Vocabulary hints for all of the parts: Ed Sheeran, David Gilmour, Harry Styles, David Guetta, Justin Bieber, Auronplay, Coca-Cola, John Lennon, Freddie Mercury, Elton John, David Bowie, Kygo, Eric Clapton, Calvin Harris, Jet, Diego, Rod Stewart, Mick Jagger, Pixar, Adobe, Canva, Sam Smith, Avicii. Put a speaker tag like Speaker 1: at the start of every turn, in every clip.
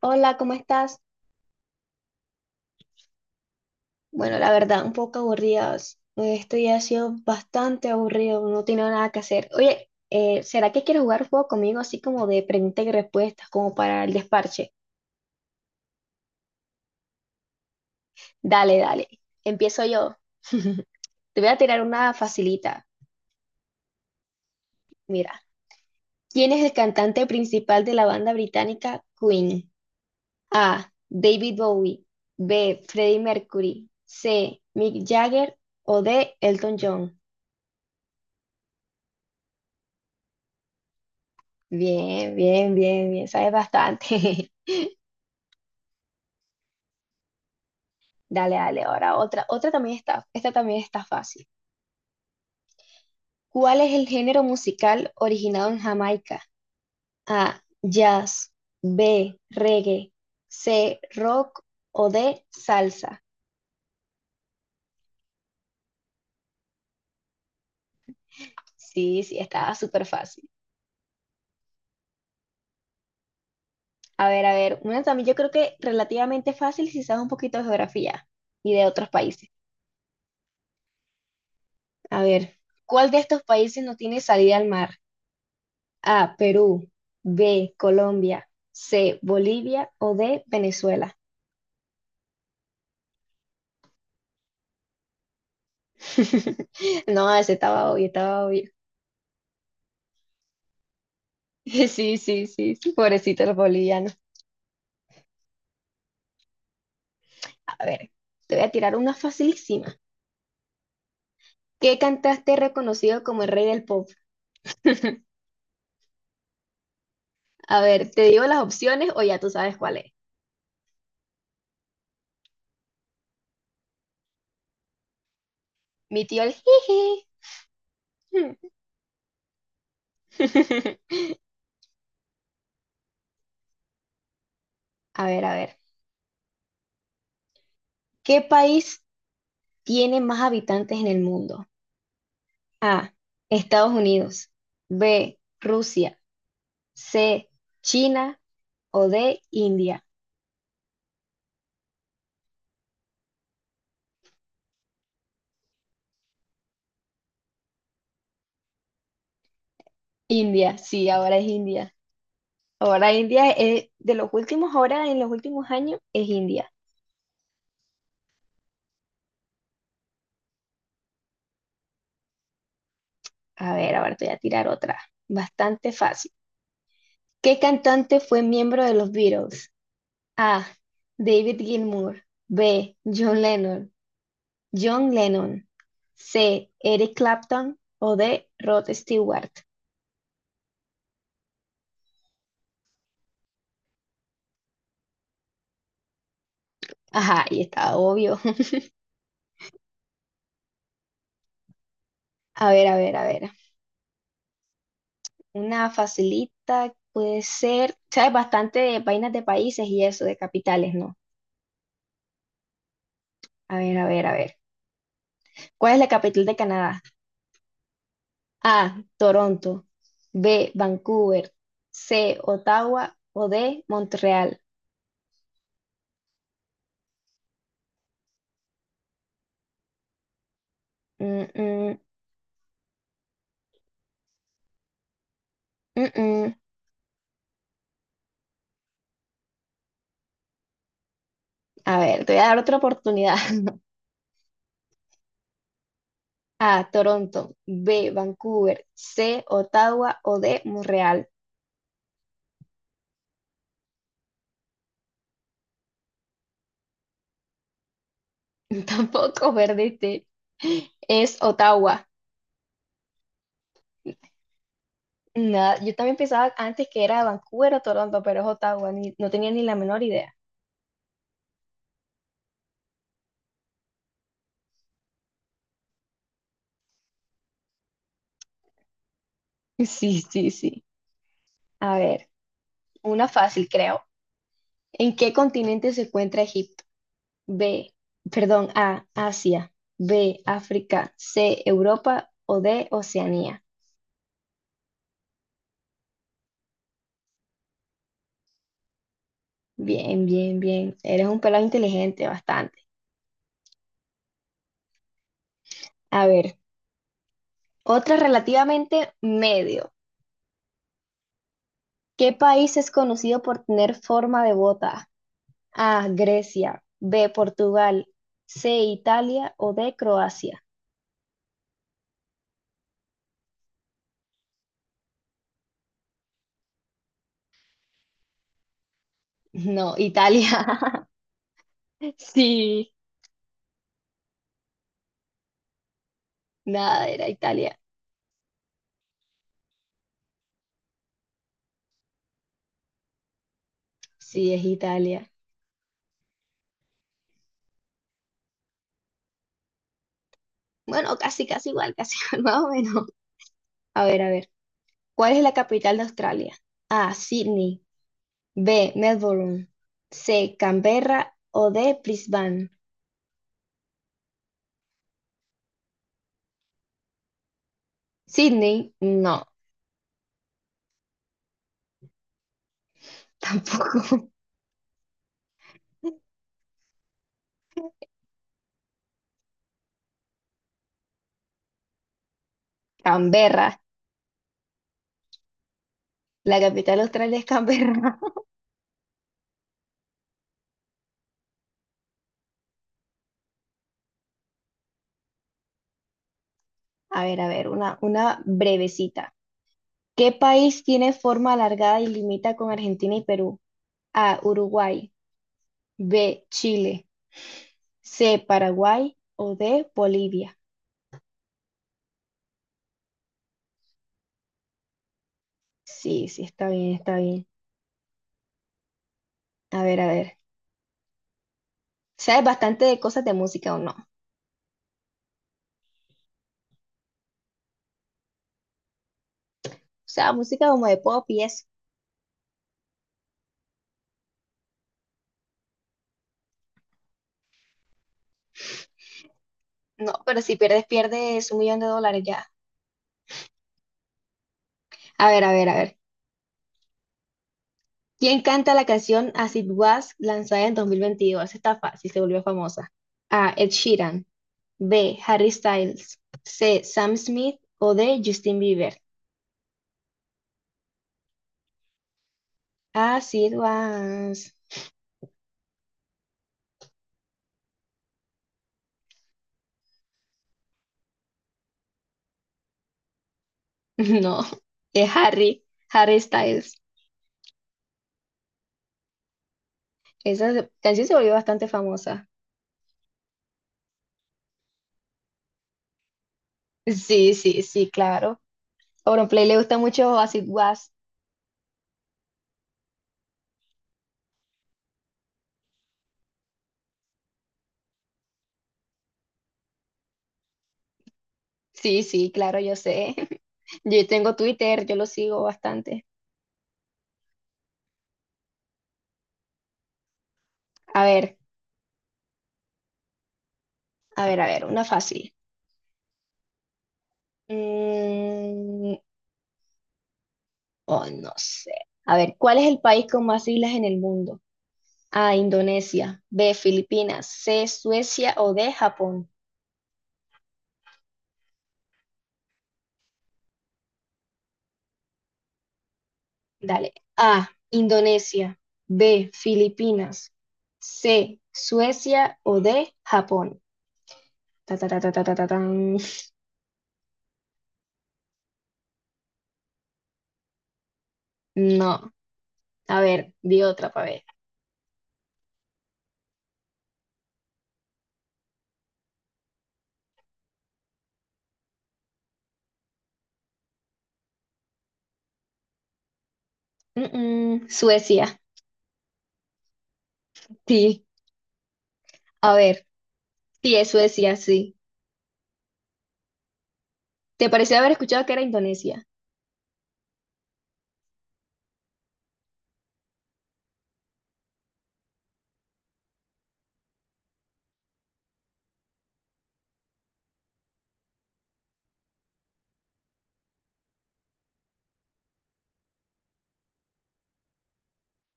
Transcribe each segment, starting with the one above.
Speaker 1: Hola, ¿cómo estás? Bueno, la verdad, un poco aburridas. Esto ya ha sido bastante aburrido, no tengo nada que hacer. Oye, ¿será que quieres jugar un juego conmigo así como de preguntas y respuestas, como para el desparche? Dale, dale. Empiezo yo. Te voy a tirar una facilita. Mira, ¿quién es el cantante principal de la banda británica Queen? A. David Bowie. B. Freddie Mercury. C. Mick Jagger. O D. Elton John. Bien, bien, bien, bien, sabes bastante. Dale, dale, ahora otra. Otra también está, esta también está fácil. ¿Cuál es el género musical originado en Jamaica? A, jazz, B, reggae, C, rock o D, salsa. Sí, sí, estaba súper fácil. A ver, una también yo creo que relativamente fácil si sabes un poquito de geografía y de otros países. A ver, ¿cuál de estos países no tiene salida al mar? A, Perú, B, Colombia, C, Bolivia o D, Venezuela. No, ese estaba obvio, estaba obvio. Sí, sí, sí, sí, pobrecito los bolivianos. A ver, te voy a tirar una facilísima. ¿Qué cantante es reconocido como el rey del pop? A ver, ¿te digo las opciones o ya tú sabes cuál es? Mi tío el jiji. A ver, a ver. ¿Qué país tiene más habitantes en el mundo? A, Estados Unidos. B, Rusia. C, China o D, India. India, sí, ahora es India. Ahora India es de los últimos, ahora en los últimos años es India. A ver, ahora te voy a tirar otra. Bastante fácil. ¿Qué cantante fue miembro de los Beatles? A, David Gilmour. B, John Lennon. John Lennon. C, Eric Clapton o D, Rod Stewart. Ajá, y está obvio. A ver, a ver, a ver. Una facilita puede ser, sabes bastante de vainas de países y eso, de capitales, ¿no? A ver, a ver, a ver. ¿Cuál es la capital de Canadá? A, Toronto. B, Vancouver. C, Ottawa. O D, Montreal. Mm, mm, mm, mm. A ver, te voy a dar otra oportunidad. A, Toronto. B, Vancouver. C, Ottawa. O D, Montreal. Tampoco perdiste. Es Ottawa. Nada, yo también pensaba antes que era Vancouver o Toronto, pero es Ottawa, no tenía ni la menor idea. Sí, sí, sí. A ver, una fácil, creo. ¿En qué continente se encuentra Egipto? B, perdón, A, Asia, B, África, C, Europa o D, Oceanía. Bien, bien, bien. Eres un pelado inteligente, bastante. A ver, otra relativamente medio. ¿Qué país es conocido por tener forma de bota? A, Grecia, B, Portugal, C, Italia o D, Croacia. No, Italia. Sí, nada, era Italia. Sí, es Italia. Bueno, casi, casi igual, casi igual, más o menos. A ver, a ver. ¿Cuál es la capital de Australia? A, Sydney, B, Melbourne, C, Canberra o D, Brisbane. Sydney, no, tampoco. Canberra, la capital de Australia es Canberra. A ver, una brevecita. ¿Qué país tiene forma alargada y limita con Argentina y Perú? A, Uruguay, B, Chile, C, Paraguay o D, Bolivia. Sí, sí, está bien, está bien. A ver, a ver. ¿Sabes bastante de cosas de música o no? O sea, música como de pop y eso. No, pero si pierdes, pierdes 1 millón de dólares ya. A ver, a ver, a ver. ¿Quién canta la canción As It Was lanzada en 2022? Esta está fácil, se volvió famosa. A, Ed Sheeran, B. Harry Styles. C. Sam Smith o D. Justin Bieber. As it was. No, es Harry, Harry Styles. Esa canción se volvió bastante famosa. Sí, sí, sí, claro. Auronplay le gusta mucho As it was. Sí, sí, claro, yo sé. Yo tengo Twitter, yo lo sigo bastante. A ver, a ver, a ver, una fácil. Mm, oh, no sé. A ver, ¿cuál es el país con más islas en el mundo? A, Indonesia. B, Filipinas. C, Suecia o D, Japón. Dale. A, Indonesia. B, Filipinas. C, Suecia o D, Japón. Ta, ta, ta, ta, ta, ta, ta, tan. No. A ver, di otra para ver. Mm, mm, Suecia. Sí. A ver. Sí, es Suecia, sí. ¿Te pareció haber escuchado que era Indonesia?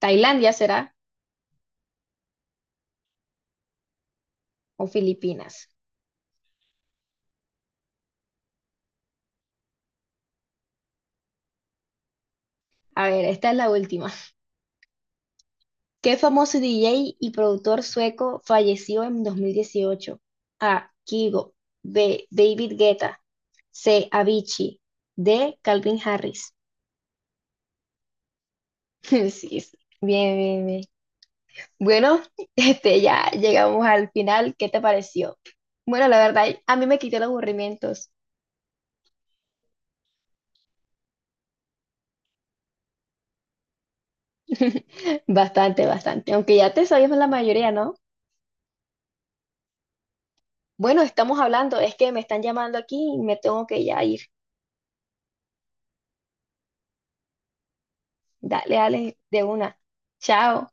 Speaker 1: ¿Tailandia será o Filipinas? A ver, esta es la última. ¿Qué famoso DJ y productor sueco falleció en 2018? A. Kygo. B. David Guetta. C. Avicii. D. Calvin Harris. Sí, sí. Bien, bien, bien. Bueno, este, ya llegamos al final. ¿Qué te pareció? Bueno, la verdad, a mí me quitó los aburrimientos. Bastante, bastante. Aunque ya te sabíamos la mayoría, ¿no? Bueno, estamos hablando. Es que me están llamando aquí y me tengo que ya ir. Dale, dale, de una. Chao.